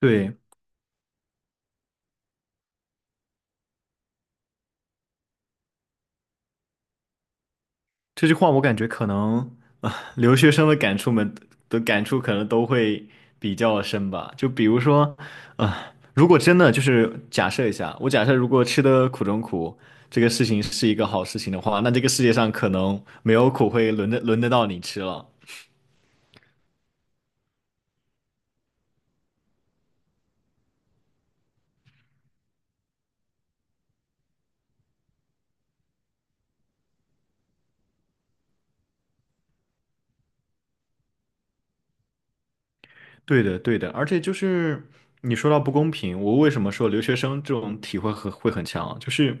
对，这句话我感觉可能留学生的感触可能都会比较深吧。就比如说，如果真的就是假设一下，我假设如果吃的苦中苦这个事情是一个好事情的话，那这个世界上可能没有苦会轮得到你吃了。对的，而且就是你说到不公平，我为什么说留学生这种体会会很强啊，就是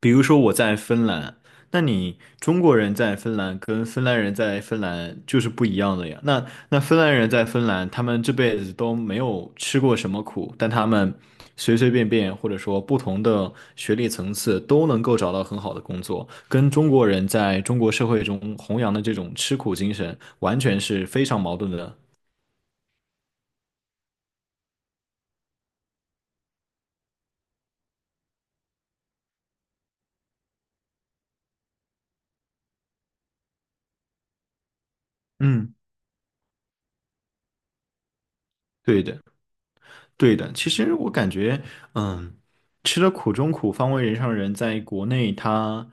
比如说我在芬兰，那你中国人在芬兰跟芬兰人在芬兰就是不一样的呀。那芬兰人在芬兰，他们这辈子都没有吃过什么苦，但他们随随便便或者说不同的学历层次都能够找到很好的工作，跟中国人在中国社会中弘扬的这种吃苦精神完全是非常矛盾的。嗯。对的。对的，其实我感觉，嗯，吃了苦中苦，方为人上人，在国内它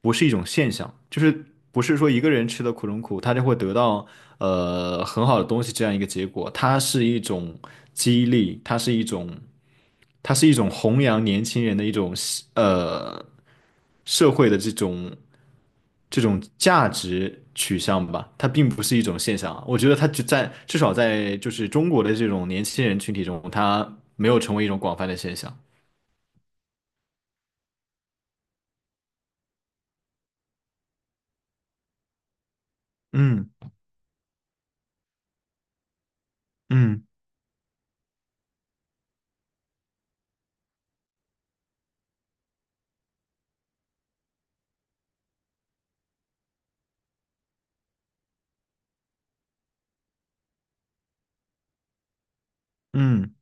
不是一种现象，就是不是说一个人吃了苦中苦，他就会得到很好的东西这样一个结果，它是一种激励，它是一种，它是一种弘扬年轻人的一种呃社会的这种。这种价值取向吧，它并不是一种现象啊。我觉得它就在至少在就是中国的这种年轻人群体中，它没有成为一种广泛的现象。嗯嗯嗯。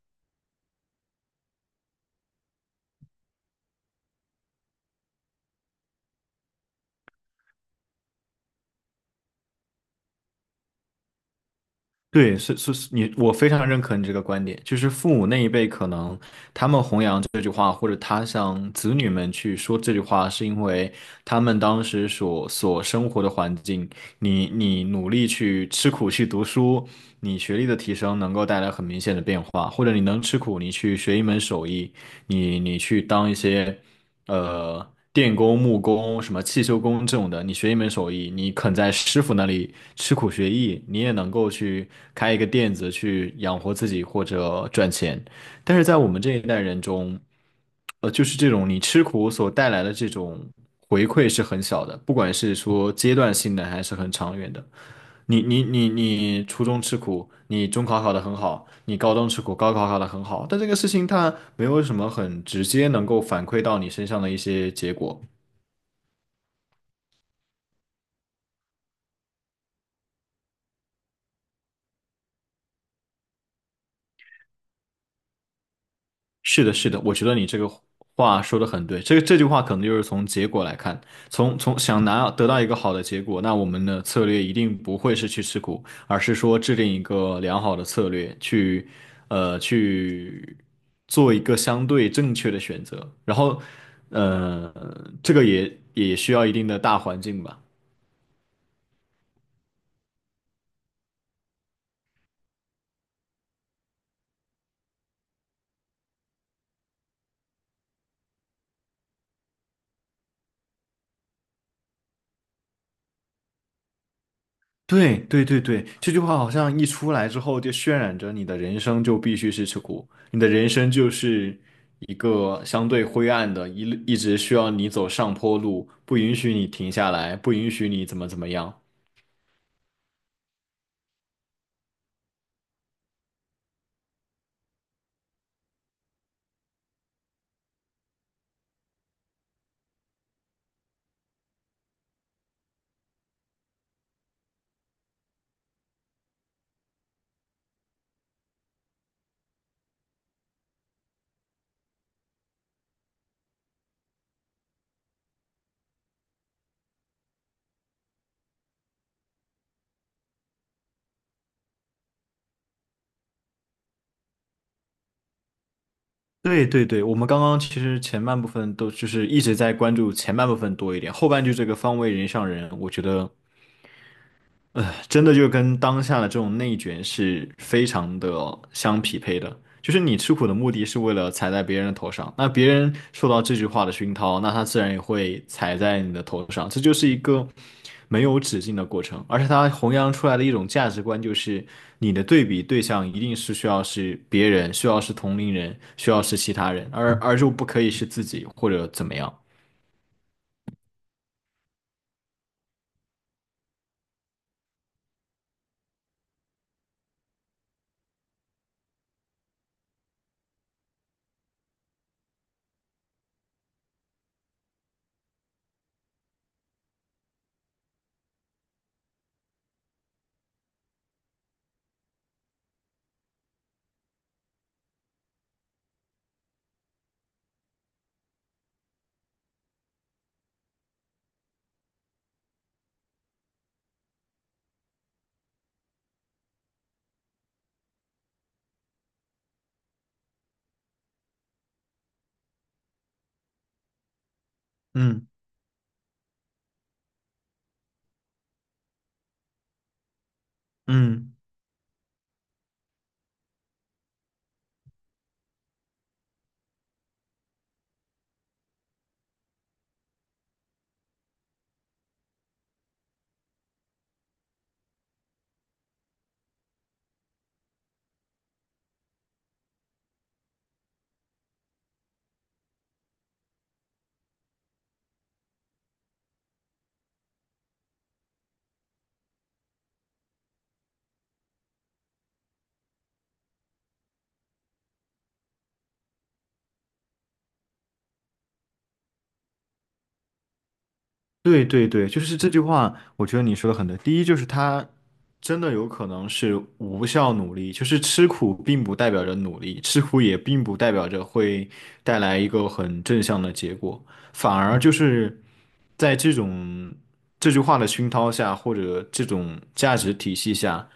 对，是,你我非常认可你这个观点，就是父母那一辈可能他们弘扬这句话，或者他向子女们去说这句话，是因为他们当时所生活的环境，你努力去吃苦去读书，你学历的提升能够带来很明显的变化，或者你能吃苦，你去学一门手艺，你去当一些。电工、木工、什么汽修工这种的，你学一门手艺，你肯在师傅那里吃苦学艺，你也能够去开一个店子去养活自己或者赚钱。但是在我们这一代人中，就是这种你吃苦所带来的这种回馈是很小的，不管是说阶段性的还是很长远的。你初中吃苦，你中考考得很好，你高中吃苦，高考考得很好，但这个事情它没有什么很直接能够反馈到你身上的一些结果。是的，是的，我觉得你这个话说的很对。这个这句话可能就是从结果来看，从想拿得到一个好的结果，那我们的策略一定不会是去吃苦，而是说制定一个良好的策略，去做一个相对正确的选择。然后呃，这个也需要一定的大环境吧。对,这句话好像一出来之后，就渲染着你的人生就必须是吃苦，你的人生就是一个相对灰暗的，一直需要你走上坡路，不允许你停下来，不允许你怎么怎么样。对,我们刚刚其实前半部分都就是一直在关注前半部分多一点，后半句这个方为人上人，我觉得真的就跟当下的这种内卷是非常的相匹配的。就是你吃苦的目的是为了踩在别人的头上，那别人受到这句话的熏陶，那他自然也会踩在你的头上。这就是一个没有止境的过程，而且他弘扬出来的一种价值观就是，你的对比对象一定是需要是别人，需要是同龄人，需要是其他人，而就不可以是自己或者怎么样。嗯嗯。对,就是这句话，我觉得你说的很对。第一就是他真的有可能是无效努力，就是吃苦并不代表着努力，吃苦也并不代表着会带来一个很正向的结果，反而就是在这种这句话的熏陶下，或者这种价值体系下，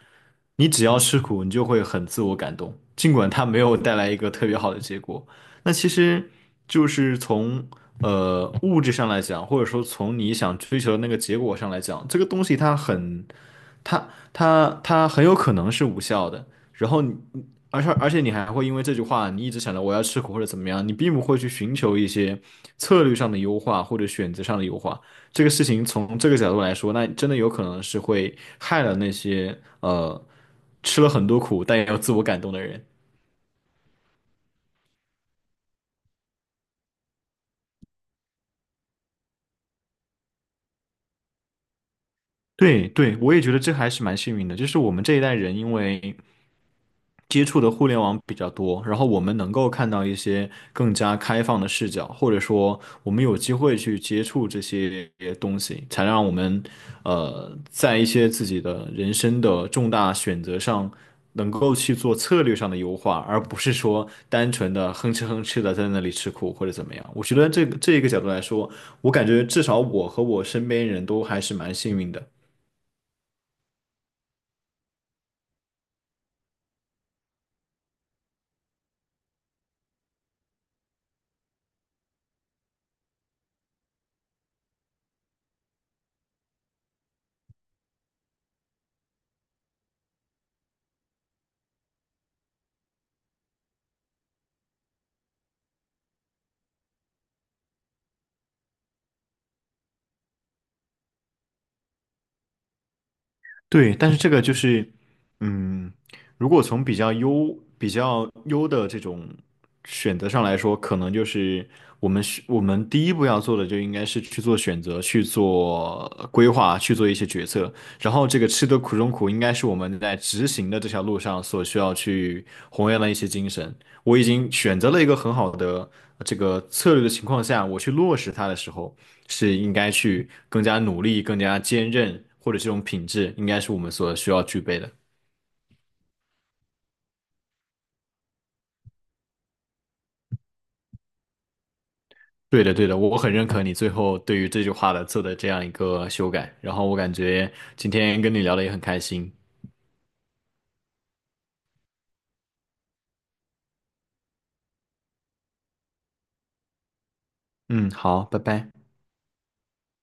你只要吃苦，你就会很自我感动，尽管它没有带来一个特别好的结果。那其实就是从物质上来讲，或者说从你想追求的那个结果上来讲，这个东西它很，它它很有可能是无效的。然后你，而且你还会因为这句话，你一直想着我要吃苦或者怎么样，你并不会去寻求一些策略上的优化或者选择上的优化。这个事情从这个角度来说，那真的有可能是会害了那些吃了很多苦但也有自我感动的人。对对，我也觉得这还是蛮幸运的，就是我们这一代人因为接触的互联网比较多，然后我们能够看到一些更加开放的视角，或者说我们有机会去接触这些东西，才让我们在一些自己的人生的重大选择上能够去做策略上的优化，而不是说单纯的哼哧哼哧的在那里吃苦或者怎么样。我觉得这个这一个角度来说，我感觉至少我和我身边人都还是蛮幸运的。对，但是这个就是，嗯，如果从比较优的这种选择上来说，可能就是我们第一步要做的，就应该是去做选择、去做规划、去做一些决策。然后这个吃得苦中苦，应该是我们在执行的这条路上所需要去弘扬的一些精神。我已经选择了一个很好的这个策略的情况下，我去落实它的时候。是应该去更加努力、更加坚韧，或者这种品质，应该是我们所需要具备的。对的，对的，我很认可你最后对于这句话的做的这样一个修改，然后我感觉今天跟你聊的也很开心。嗯，好，拜拜。